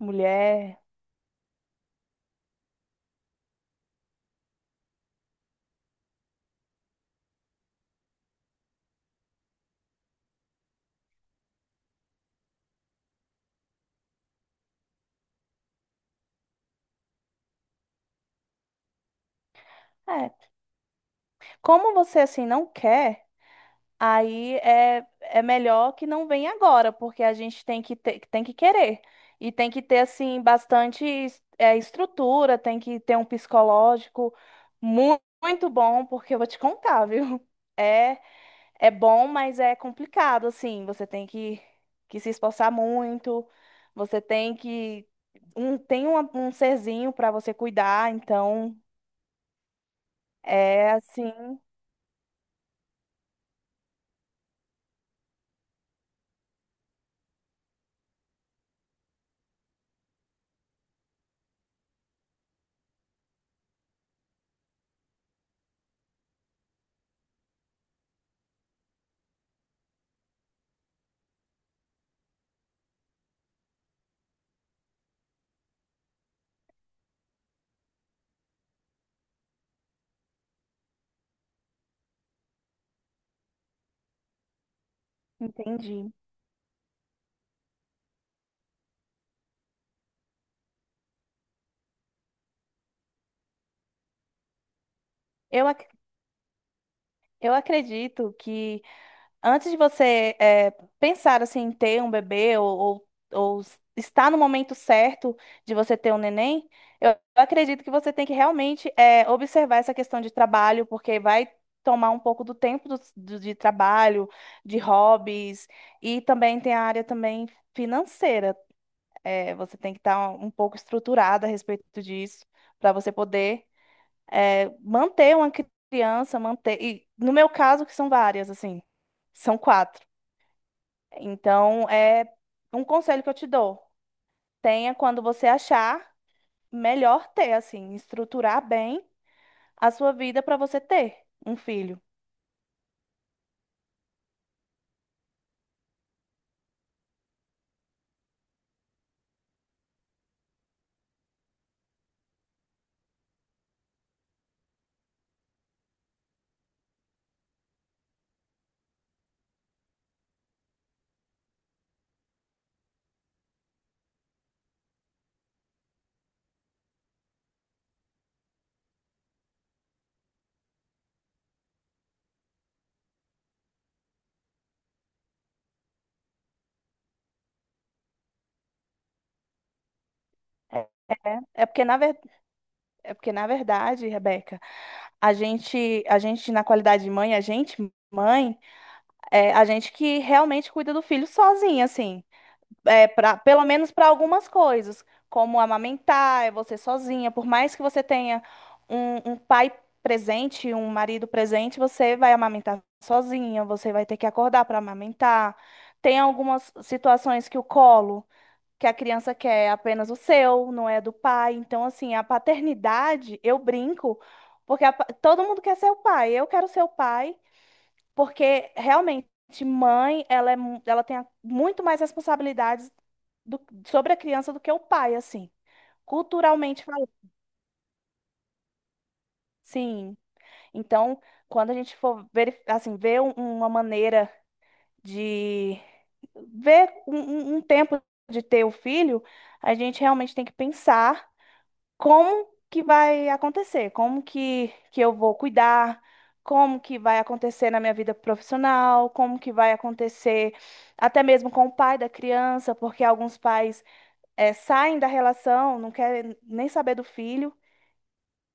Mulher. É. Como você assim não quer, aí é melhor que não venha agora, porque a gente tem que ter, tem que querer. E tem que ter assim bastante estrutura, tem que ter um psicológico muito bom, porque eu vou te contar, viu? É, é bom, mas é complicado assim. Você tem que se esforçar muito. Você tem que tem um serzinho para você cuidar, então é assim. Entendi. Eu, ac- eu acredito que antes de você pensar assim, em ter um bebê ou estar no momento certo de você ter um neném, eu eu acredito que você tem que realmente observar essa questão de trabalho, porque vai tomar um pouco do tempo de trabalho, de hobbies, e também tem a área também financeira. Você tem que estar um pouco estruturada a respeito disso para você poder manter uma criança, manter. E no meu caso, que são várias, assim, são quatro. Então, é um conselho que eu te dou. Tenha, quando você achar melhor ter, assim, estruturar bem a sua vida para você ter um filho. É é porque, na ver... é porque, na verdade, Rebeca, a gente, na qualidade de mãe, mãe, é a gente que realmente cuida do filho sozinha, assim. Pra, pelo menos para algumas coisas, como amamentar, é você sozinha. Por mais que você tenha um pai presente, um marido presente, você vai amamentar sozinha, você vai ter que acordar para amamentar. Tem algumas situações que o colo, que a criança quer é apenas o seu, não é do pai. Então, assim, a paternidade, eu brinco, porque todo mundo quer ser o pai. Eu quero ser o pai. Porque realmente, mãe, ela tem muito mais responsabilidades do- sobre a criança do que o pai, assim. Culturalmente falando, sim. Então, quando a gente for ver, assim, uma maneira de ver um tempo de ter o filho, a gente realmente tem que pensar como que vai acontecer, que eu vou cuidar, como que vai acontecer na minha vida profissional, como que vai acontecer até mesmo com o pai da criança, porque alguns pais saem da relação, não querem nem saber do filho,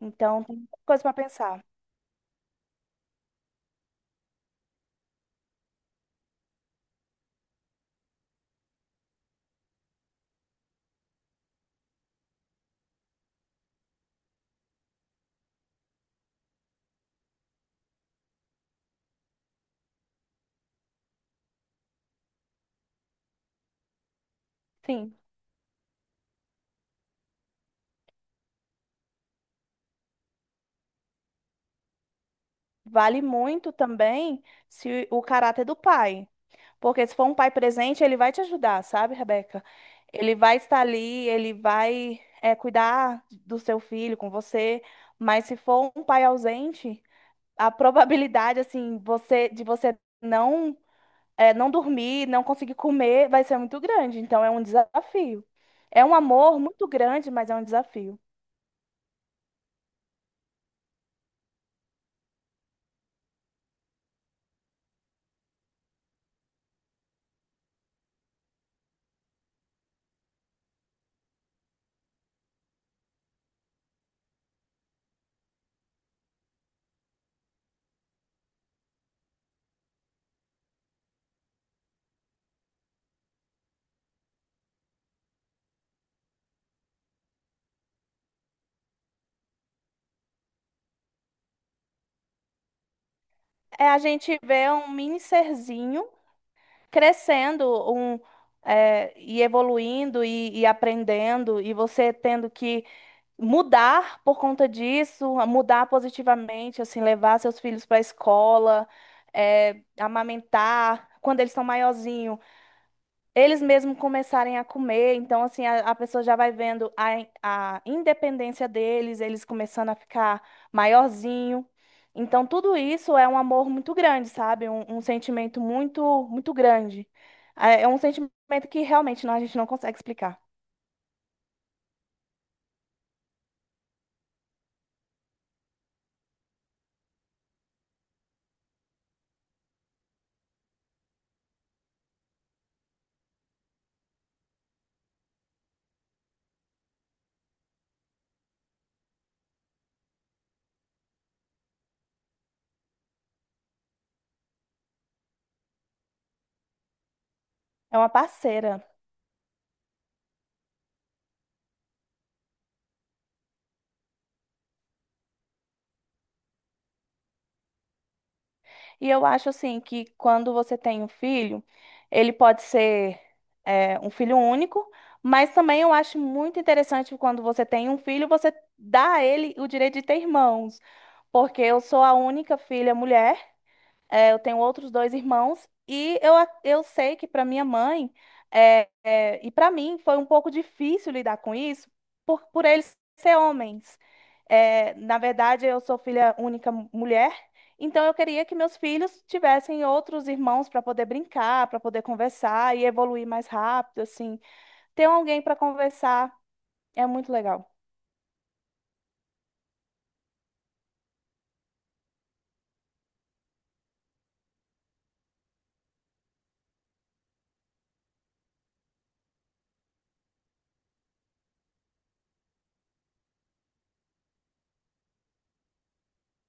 então tem muita coisa para pensar. Sim, vale muito também se o caráter do pai. Porque se for um pai presente, ele vai te ajudar, sabe, Rebeca? Ele vai estar ali, ele vai, é, cuidar do seu filho com você. Mas se for um pai ausente, a probabilidade, assim, de você não dormir, não conseguir comer, vai ser muito grande. Então é um desafio. É um amor muito grande, mas é um desafio. É, a gente vê um mini serzinho crescendo, um, e evoluindo e aprendendo, e você tendo que mudar por conta disso, mudar positivamente, assim, levar seus filhos para a escola, é, amamentar, quando eles são maiorzinhos, eles mesmos começarem a comer. Então, assim, a pessoa já vai vendo a independência deles, eles começando a ficar maiorzinho. Então, tudo isso é um amor muito grande, sabe? Um sentimento muito, muito grande. É um sentimento que realmente não, a gente não consegue explicar. É uma parceira. E eu acho assim que quando você tem um filho, ele pode ser é, um filho único, mas também eu acho muito interessante quando você tem um filho, você dá a ele o direito de ter irmãos, porque eu sou a única filha mulher. É, eu tenho outros dois irmãos e eu sei que para minha mãe e para mim foi um pouco difícil lidar com isso por eles ser homens. É, na verdade, eu sou filha única mulher, então eu queria que meus filhos tivessem outros irmãos para poder brincar, para poder conversar e evoluir mais rápido, assim. Ter alguém para conversar é muito legal.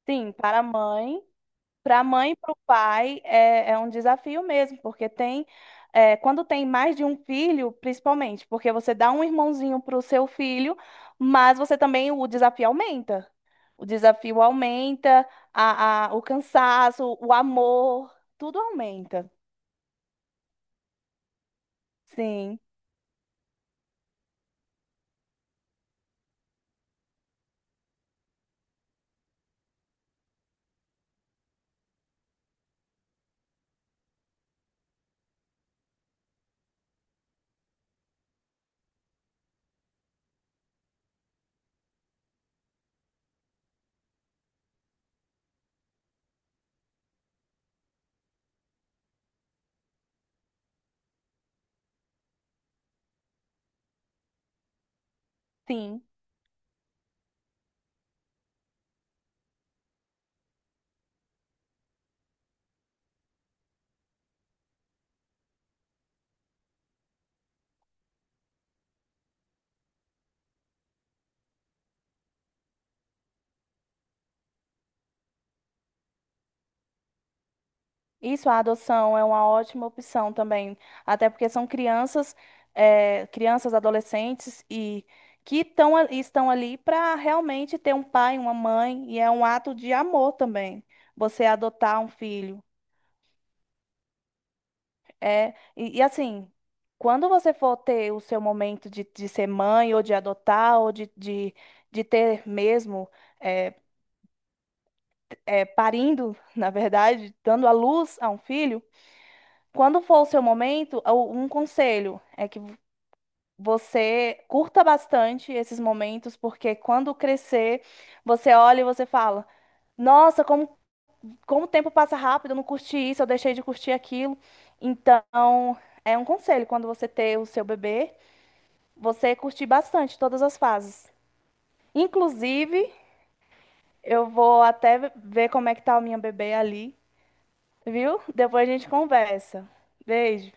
Sim, para a mãe. Para a mãe e para o pai é, é um desafio mesmo, porque tem, é, quando tem mais de um filho, principalmente, porque você dá um irmãozinho para o seu filho, mas você também, o desafio aumenta. O desafio aumenta, o cansaço, o amor, tudo aumenta. Sim, sim. Isso, a adoção é uma ótima opção também, até porque são crianças, adolescentes e que estão ali para realmente ter um pai, uma mãe, e é um ato de amor também. Você adotar um filho. É, e assim, quando você for ter o seu momento de ser mãe, ou de adotar, de ter mesmo, eh, parindo, na verdade, dando à luz a um filho, quando for o seu momento, um conselho é que você curta bastante esses momentos, porque quando crescer, você olha e você fala: Nossa, como o tempo passa rápido, eu não curti isso, eu deixei de curtir aquilo. Então, é um conselho: quando você ter o seu bebê, você curtir bastante todas as fases. Inclusive, eu vou até ver como é que tá a minha bebê ali, viu? Depois a gente conversa. Beijo.